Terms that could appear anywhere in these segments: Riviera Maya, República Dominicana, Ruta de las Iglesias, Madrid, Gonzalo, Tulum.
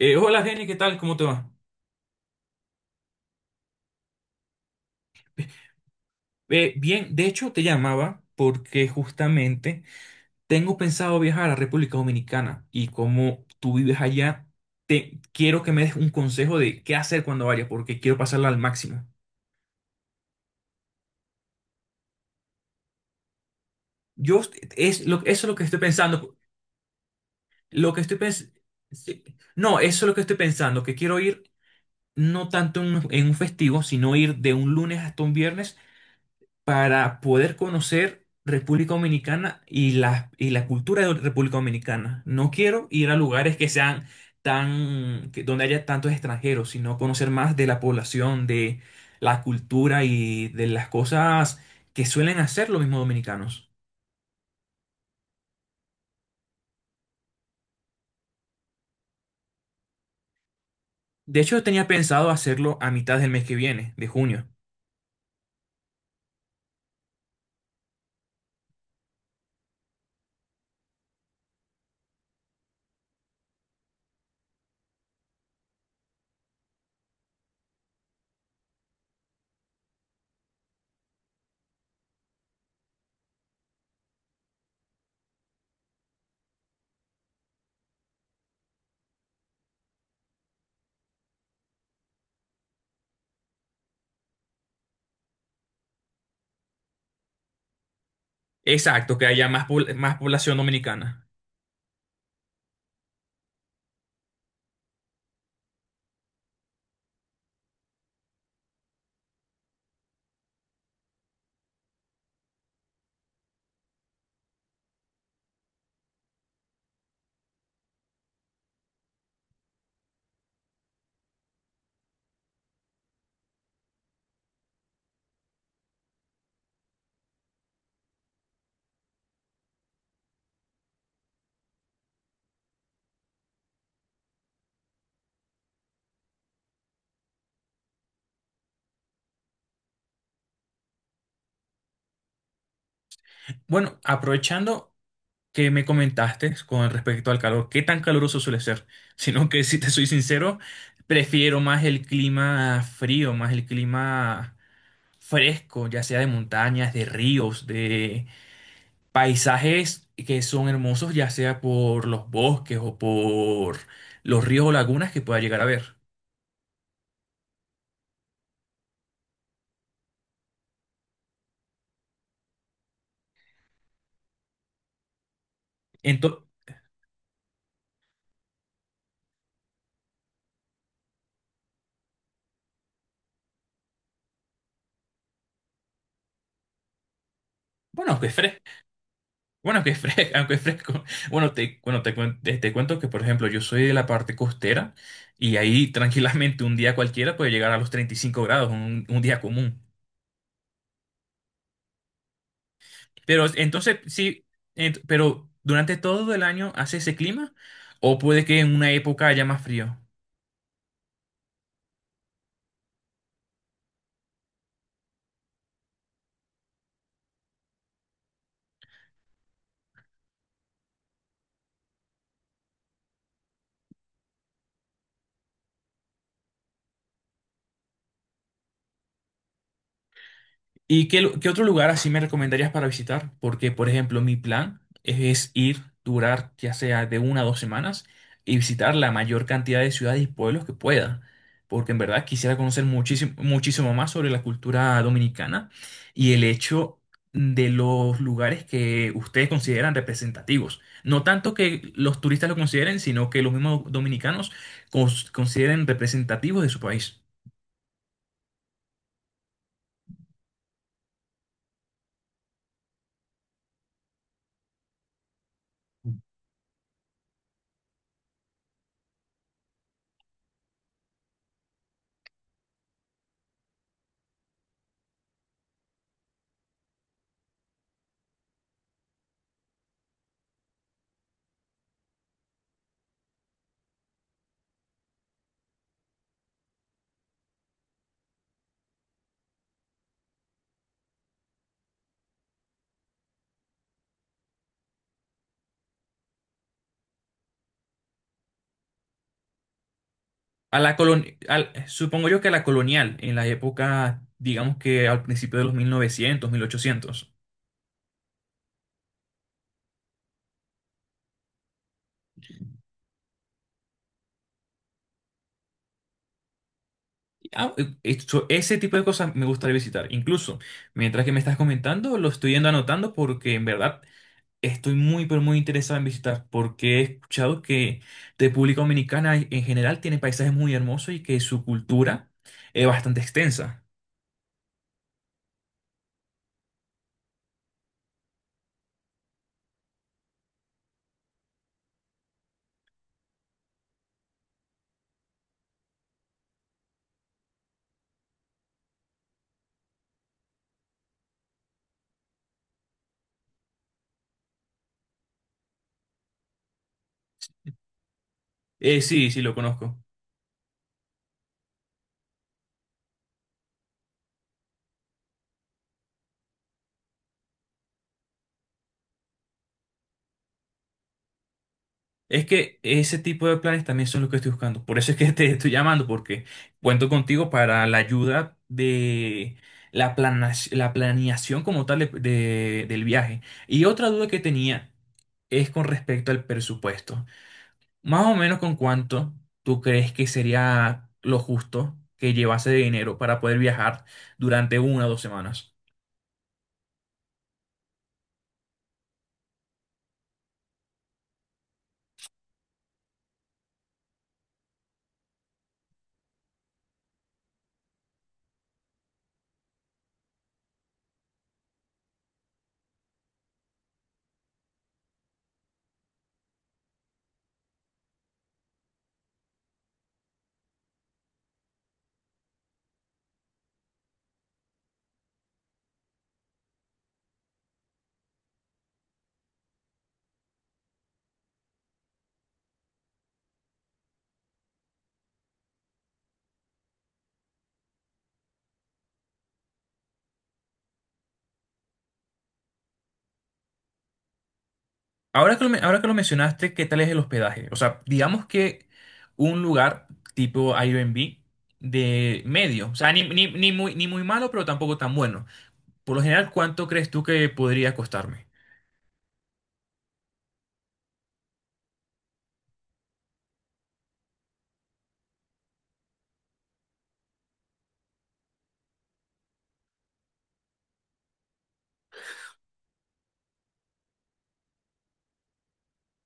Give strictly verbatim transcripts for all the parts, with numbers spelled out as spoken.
Eh, hola Jenny, ¿qué tal? ¿Cómo te va? Eh, bien, de hecho te llamaba porque justamente tengo pensado viajar a la República Dominicana y como tú vives allá, te quiero que me des un consejo de qué hacer cuando vaya porque quiero pasarla al máximo. Yo es lo, Eso es lo que estoy pensando, lo que estoy pens- sí, no, eso es lo que estoy pensando, que quiero ir no tanto en un, en un festivo, sino ir de un lunes hasta un viernes para poder conocer República Dominicana y la, y la cultura de República Dominicana. No quiero ir a lugares que sean tan, que- donde haya tantos extranjeros, sino conocer más de la población, de la cultura y de las cosas que suelen hacer los mismos dominicanos. De hecho, tenía pensado hacerlo a mitad del mes que viene, de junio. Exacto, que haya más, pobl- más población dominicana. Bueno, aprovechando que me comentaste con respecto al calor, qué tan caluroso suele ser, sino que si te soy sincero, prefiero más el clima frío, más el clima fresco, ya sea de montañas, de ríos, de paisajes que son hermosos, ya sea por los bosques o por los ríos o lagunas que pueda llegar a ver. Entonces, bueno, que es fresco. Bueno, que es fresco, aunque es fresco. Bueno, te, bueno te, cuen- te, te cuento que, por ejemplo, yo soy de la parte costera y ahí tranquilamente un día cualquiera puede llegar a los treinta y cinco grados, un, un día común. Pero entonces, sí, ent- pero durante todo el año hace ese clima o puede que en una época haya más frío. ¿Y qué, lu- qué otro lugar así me recomendarías para visitar? Porque, por ejemplo, mi plan es es ir, durar ya sea de una a dos semanas y visitar la mayor cantidad de ciudades y pueblos que pueda. Porque en verdad quisiera conocer muchísimo, muchísimo más sobre la cultura dominicana y el hecho de los lugares que ustedes consideran representativos. No tanto que los turistas lo consideren, sino que los mismos dominicanos cons- consideren representativos de su país. A la colon- al- supongo yo que a la colonial, en la época, digamos que al principio de los mil 1800. Ah, eh, esto- ese tipo de cosas me gustaría visitar. Incluso, mientras que me estás comentando, lo estoy yendo anotando porque en verdad estoy muy, pero muy interesado en visitar, porque he escuchado que República Dominicana en en general tiene paisajes muy hermosos y que su cultura es bastante extensa. Eh, sí, sí, lo conozco. Es que ese tipo de planes también son los que estoy buscando. Por eso es que te estoy llamando, porque cuento contigo para la ayuda de la plana, la planeación como tal de- de- del viaje. Y otra duda que tenía es con respecto al presupuesto. Más o menos con cuánto tú crees que sería lo justo que llevase de dinero para poder viajar durante una o dos semanas. Ahora que lo, men- ahora que lo mencionaste, ¿qué tal es el hospedaje? O sea, digamos que un lugar tipo Airbnb de medio, o sea, ni, ni- ni muy, ni muy malo, pero tampoco tan bueno. Por lo general, ¿cuánto crees tú que podría costarme?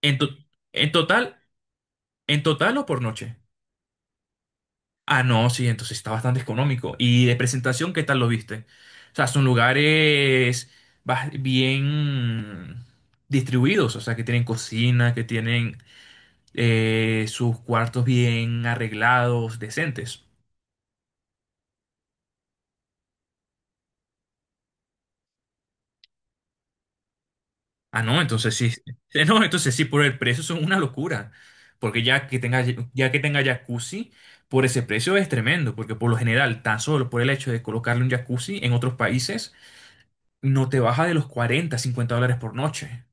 En, to- en total, en total o por noche. Ah, no, sí, entonces está bastante económico. ¿Y de presentación, qué tal lo viste? O sea, son lugares bas- bien distribuidos, o sea, que tienen cocina, que tienen eh, sus cuartos bien arreglados, decentes. Ah, no, entonces sí, no, entonces sí, por el precio son una locura, porque ya que tenga, ya que tenga jacuzzi, por ese precio es tremendo, porque por lo general, tan solo por el hecho de colocarle un jacuzzi en otros países, no te baja de los cuarenta, cincuenta dólares por noche.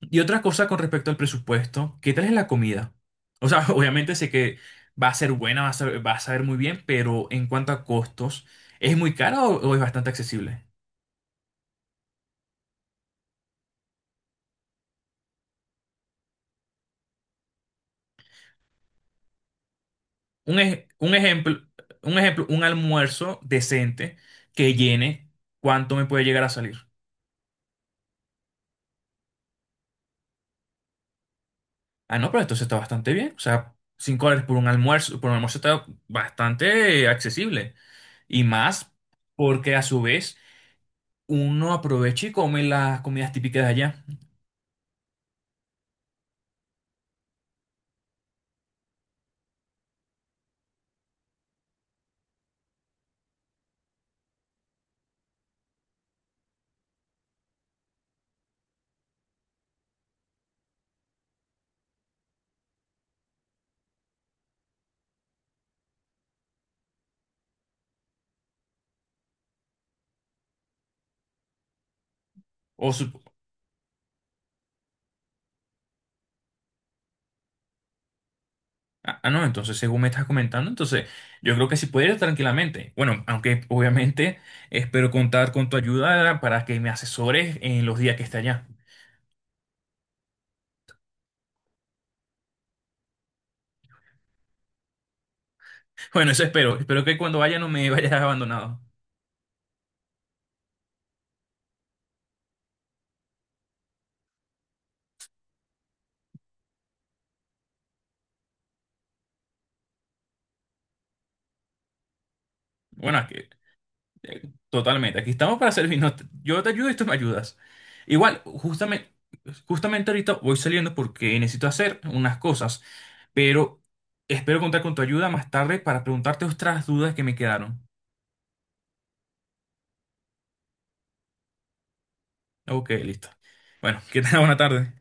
Y otra cosa con respecto al presupuesto, ¿qué tal es la comida? O sea, obviamente sé que va a ser buena, va a ser- va a saber muy bien, pero en cuanto a costos, ¿es muy cara o o es bastante accesible? Un, ej- un ejemplo, un ejemplo, un almuerzo decente que llene cuánto me puede llegar a salir. Ah, no, pero entonces está bastante bien. O sea, cinco dólares por un almuerzo, por un almuerzo está bastante accesible. Y más porque a su vez uno aprovecha y come las comidas típicas de allá. O su- ah, ah, No, entonces según me estás comentando, entonces yo creo que sí puede ir tranquilamente. Bueno, aunque obviamente espero contar con tu ayuda para que me asesores en los días que esté allá. Bueno, eso espero. Espero que cuando vaya no me vayas abandonado. Bueno, es que eh, totalmente. Aquí estamos para servirnos. Yo te ayudo y tú me ayudas. Igual, justamente, justamente ahorita voy saliendo porque necesito hacer unas cosas, pero espero contar con tu ayuda más tarde para preguntarte otras dudas que me quedaron. Ok, listo. Bueno, que tengas buena tarde.